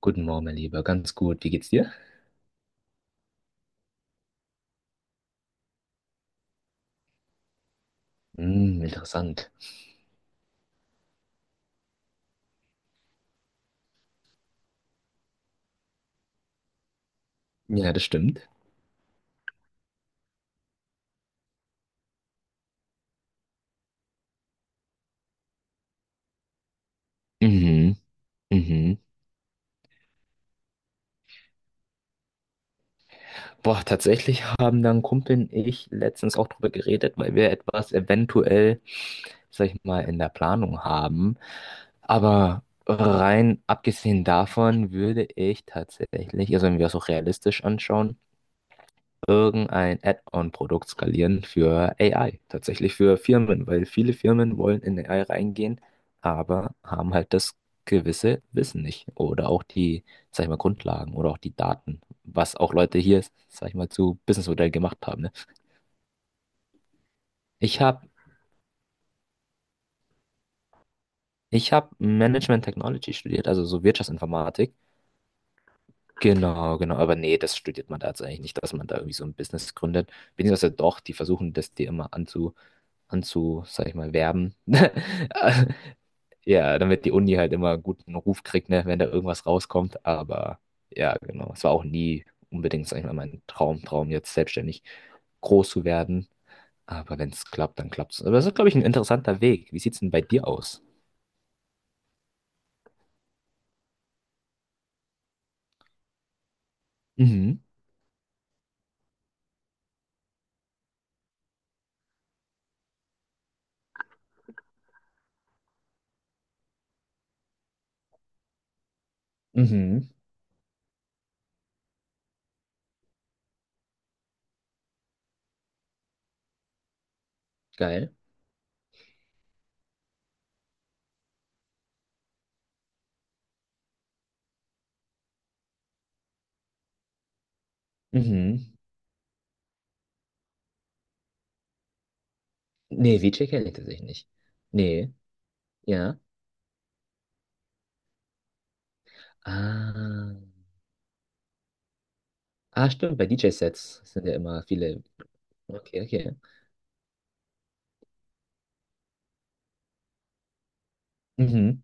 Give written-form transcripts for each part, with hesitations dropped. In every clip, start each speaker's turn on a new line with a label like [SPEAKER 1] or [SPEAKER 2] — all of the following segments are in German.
[SPEAKER 1] Guten Morgen, mein Lieber. Ganz gut. Wie geht's dir? Hm, interessant. Ja, das stimmt. Mhm. Mhm. Boah, tatsächlich haben dann Kumpel und ich letztens auch drüber geredet, weil wir etwas eventuell, sag ich mal, in der Planung haben. Aber rein abgesehen davon würde ich tatsächlich, also wenn wir es auch realistisch anschauen, irgendein Add-on-Produkt skalieren für AI, tatsächlich für Firmen, weil viele Firmen wollen in AI reingehen, aber haben halt das gewisse Wissen nicht oder auch die, sag ich mal, Grundlagen oder auch die Daten, was auch Leute hier, sag ich mal, zu Businessmodellen gemacht haben, ne? Ich habe ich hab Management Technology studiert, also so Wirtschaftsinformatik. Genau, genau, aber nee, das studiert man da jetzt eigentlich nicht, dass man da irgendwie so ein Business gründet. Beziehungsweise doch, die versuchen das dir immer sag ich mal, werben. Ja, damit die Uni halt immer einen guten Ruf kriegt, ne, wenn da irgendwas rauskommt. Aber ja, genau. Es war auch nie unbedingt, sag ich mal, mein Traum, jetzt selbstständig groß zu werden. Aber wenn es klappt, dann klappt es. Aber das ist, glaube ich, ein interessanter Weg. Wie sieht es denn bei dir aus? Mhm. Mhm. Geil. Mhm. Nee, VJ kenne ich tatsächlich nicht. Nee, ja. Ah. Ah, stimmt, bei DJ-Sets sind ja immer viele. Okay, okay. Mhm.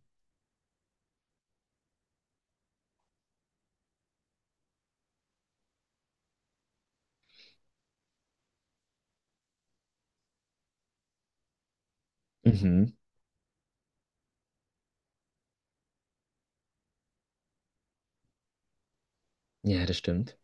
[SPEAKER 1] Mhm. Ja, das stimmt.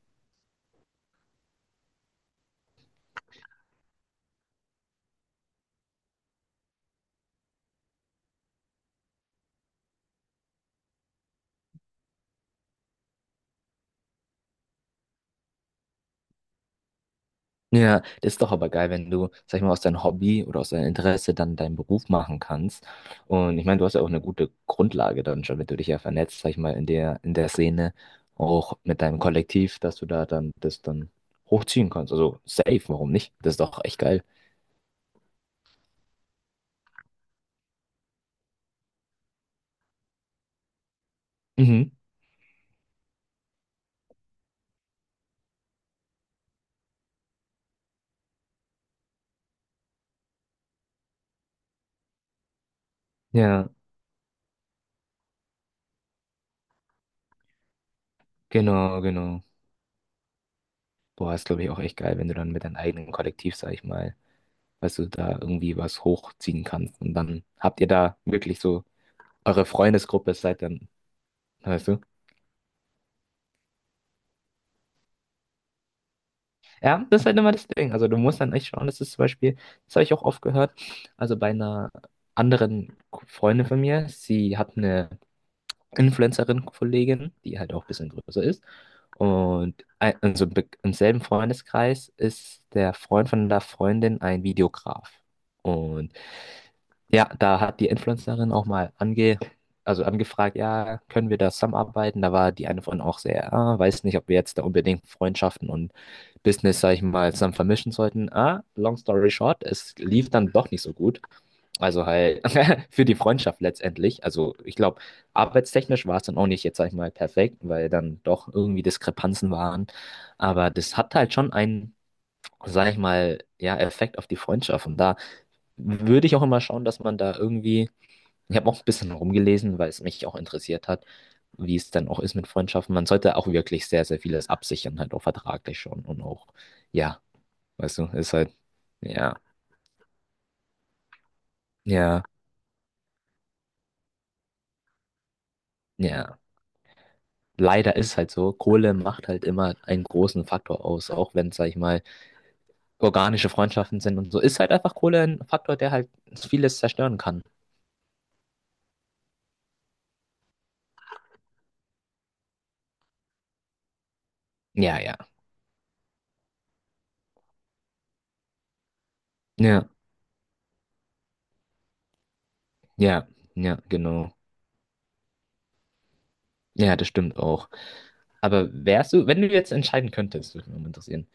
[SPEAKER 1] Ja, das ist doch aber geil, wenn du, sag ich mal, aus deinem Hobby oder aus deinem Interesse dann deinen Beruf machen kannst. Und ich meine, du hast ja auch eine gute Grundlage dann schon, wenn du dich ja vernetzt, sag ich mal, in der Szene, auch mit deinem Kollektiv, dass du da dann das dann hochziehen kannst. Also safe, warum nicht? Das ist doch echt geil. Mhm. Ja, genau, genau. Boah, ist, glaube ich, auch echt geil, wenn du dann mit deinem eigenen Kollektiv, sag ich mal, weißt du, da irgendwie was hochziehen kannst. Und dann habt ihr da wirklich so eure Freundesgruppe, seid dann, weißt du? Ja, das ist halt immer das Ding. Also du musst dann echt schauen, das ist zum Beispiel, das habe ich auch oft gehört, also bei einer anderen Freundin von mir, sie hat eine Influencerin-Kollegin, die halt auch ein bisschen größer ist. Und ein, also Im im selben Freundeskreis ist der Freund von der Freundin ein Videograf. Und ja, da hat die Influencerin auch mal also angefragt, ja, können wir da zusammenarbeiten? Da war die eine von auch sehr, ah, weiß nicht, ob wir jetzt da unbedingt Freundschaften und Business, sag ich mal, zusammen vermischen sollten. Ah, long story short, es lief dann doch nicht so gut. Also halt für die Freundschaft letztendlich. Also ich glaube, arbeitstechnisch war es dann auch nicht jetzt, sag ich mal, perfekt, weil dann doch irgendwie Diskrepanzen waren. Aber das hat halt schon einen, sag ich mal, ja, Effekt auf die Freundschaft. Und da würde ich auch immer schauen, dass man da irgendwie, ich habe auch ein bisschen rumgelesen, weil es mich auch interessiert hat, wie es dann auch ist mit Freundschaften. Man sollte auch wirklich sehr, sehr vieles absichern, halt auch vertraglich schon und auch, ja, weißt du, ist halt, ja, ja, ja. Leider ist halt so, Kohle macht halt immer einen großen Faktor aus, auch wenn, sag ich mal, organische Freundschaften sind und so, ist halt einfach Kohle ein Faktor, der halt vieles zerstören kann. Ja, ja, ja, ja, ja, genau. Ja, das stimmt auch. Aber wärst du, wenn du jetzt entscheiden könntest, würde mich mal interessieren.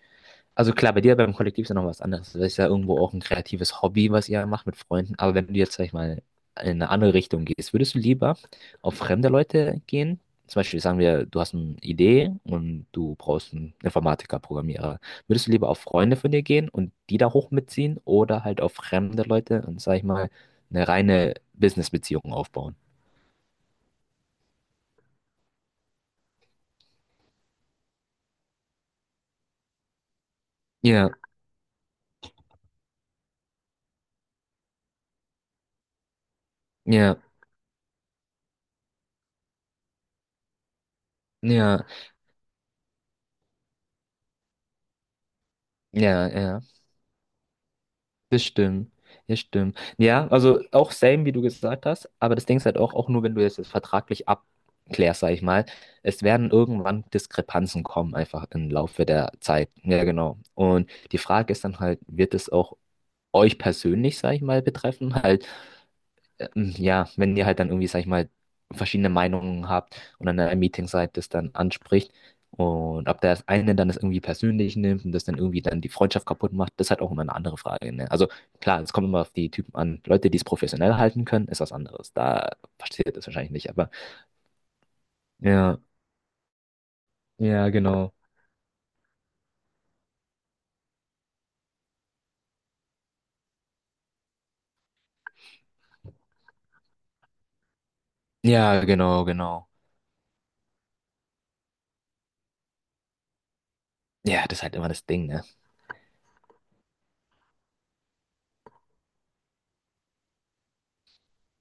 [SPEAKER 1] Also klar, bei dir beim Kollektiv ist ja noch was anderes. Das ist ja irgendwo auch ein kreatives Hobby, was ihr macht mit Freunden. Aber wenn du jetzt, sag ich mal, in eine andere Richtung gehst, würdest du lieber auf fremde Leute gehen? Zum Beispiel sagen wir, du hast eine Idee und du brauchst einen Informatiker, Programmierer. Würdest du lieber auf Freunde von dir gehen und die da hoch mitziehen oder halt auf fremde Leute und, sag ich mal, eine reine Business-Beziehung aufbauen? Ja, ja, ja, ja, ja. Das stimmt, das stimmt. Ja, also auch same, wie du gesagt hast, aber das Ding ist halt auch nur, wenn du jetzt das vertraglich abklärst, sag ich mal, es werden irgendwann Diskrepanzen kommen, einfach im Laufe der Zeit. Ja, genau. Und die Frage ist dann halt, wird es auch euch persönlich, sag ich mal, betreffen? Halt, ja, wenn ihr halt dann irgendwie, sag ich mal, verschiedene Meinungen habt und dann in einem Meeting seid, das dann anspricht und ob der das eine dann das irgendwie persönlich nimmt und das dann irgendwie dann die Freundschaft kaputt macht, das ist halt auch immer eine andere Frage, ne? Also klar, es kommt immer auf die Typen an. Leute, die es professionell halten können, ist was anderes. Da passiert das wahrscheinlich nicht, aber ja, ja, genau. Ja, genau, genau. Ja, das ist halt immer das Ding, ne?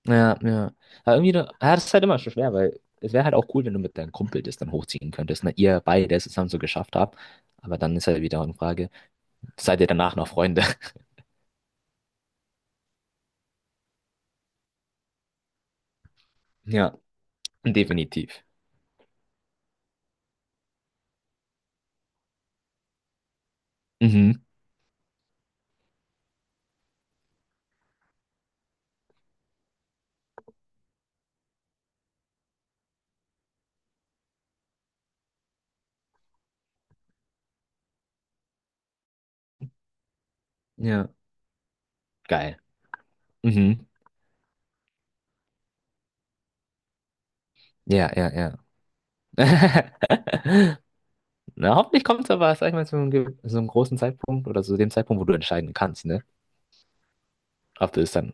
[SPEAKER 1] Ja, ja. Aber irgendwie, ja, das ist halt immer schon schwer, weil es wäre halt auch cool, wenn du mit deinem Kumpel das dann hochziehen könntest, ne? Ihr beide es zusammen so geschafft habt. Aber dann ist halt wieder eine Frage, seid ihr danach noch Freunde? Ja, definitiv. Mhm. Ja, geil. Mhm. Ja, ja, ja. Na, hoffentlich kommt es aber, sag ich mal, zu einem, so einem großen Zeitpunkt oder zu dem Zeitpunkt, wo du entscheiden kannst, ne? Ob du es dann,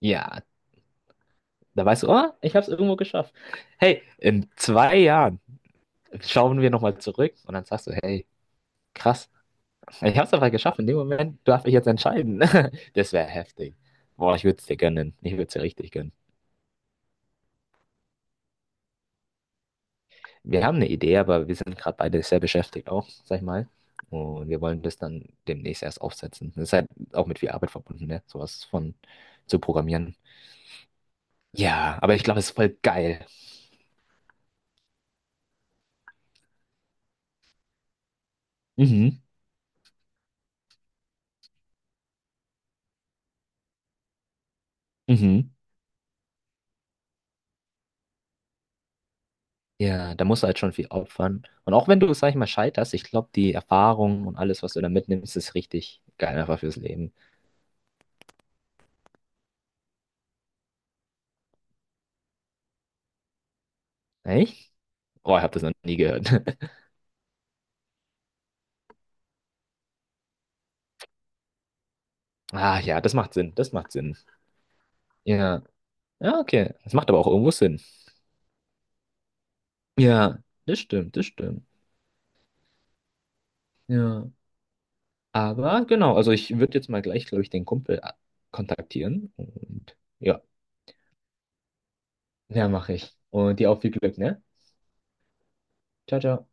[SPEAKER 1] ja, da weißt du, oh, ich hab's irgendwo geschafft. Hey, in 2 Jahren schauen wir nochmal zurück und dann sagst du, hey, krass. Ich hab's aber geschafft. In dem Moment darf ich jetzt entscheiden. Das wäre heftig. Boah, ich würde es dir gönnen. Ich würde es dir richtig gönnen. Wir haben eine Idee, aber wir sind gerade beide sehr beschäftigt auch, sag ich mal. Und wir wollen das dann demnächst erst aufsetzen. Das ist halt auch mit viel Arbeit verbunden, ne? Sowas von zu programmieren. Ja, aber ich glaube, es ist voll geil. Mhm. Mhm. Ja, da musst du halt schon viel opfern. Und auch wenn du, sag ich mal, scheiterst, ich glaube, die Erfahrung und alles, was du da mitnimmst, ist richtig geil einfach fürs Leben. Echt? Oh, ich habe das noch nie gehört. Ah, ja, das macht Sinn, das macht Sinn. Ja, ja, okay. Das macht aber auch irgendwo Sinn. Ja, das stimmt, das stimmt. Ja, aber genau, also ich würde jetzt mal gleich, glaube ich, den Kumpel kontaktieren und ja, ja, mache ich. Und dir auch viel Glück, ne? Ciao, ciao.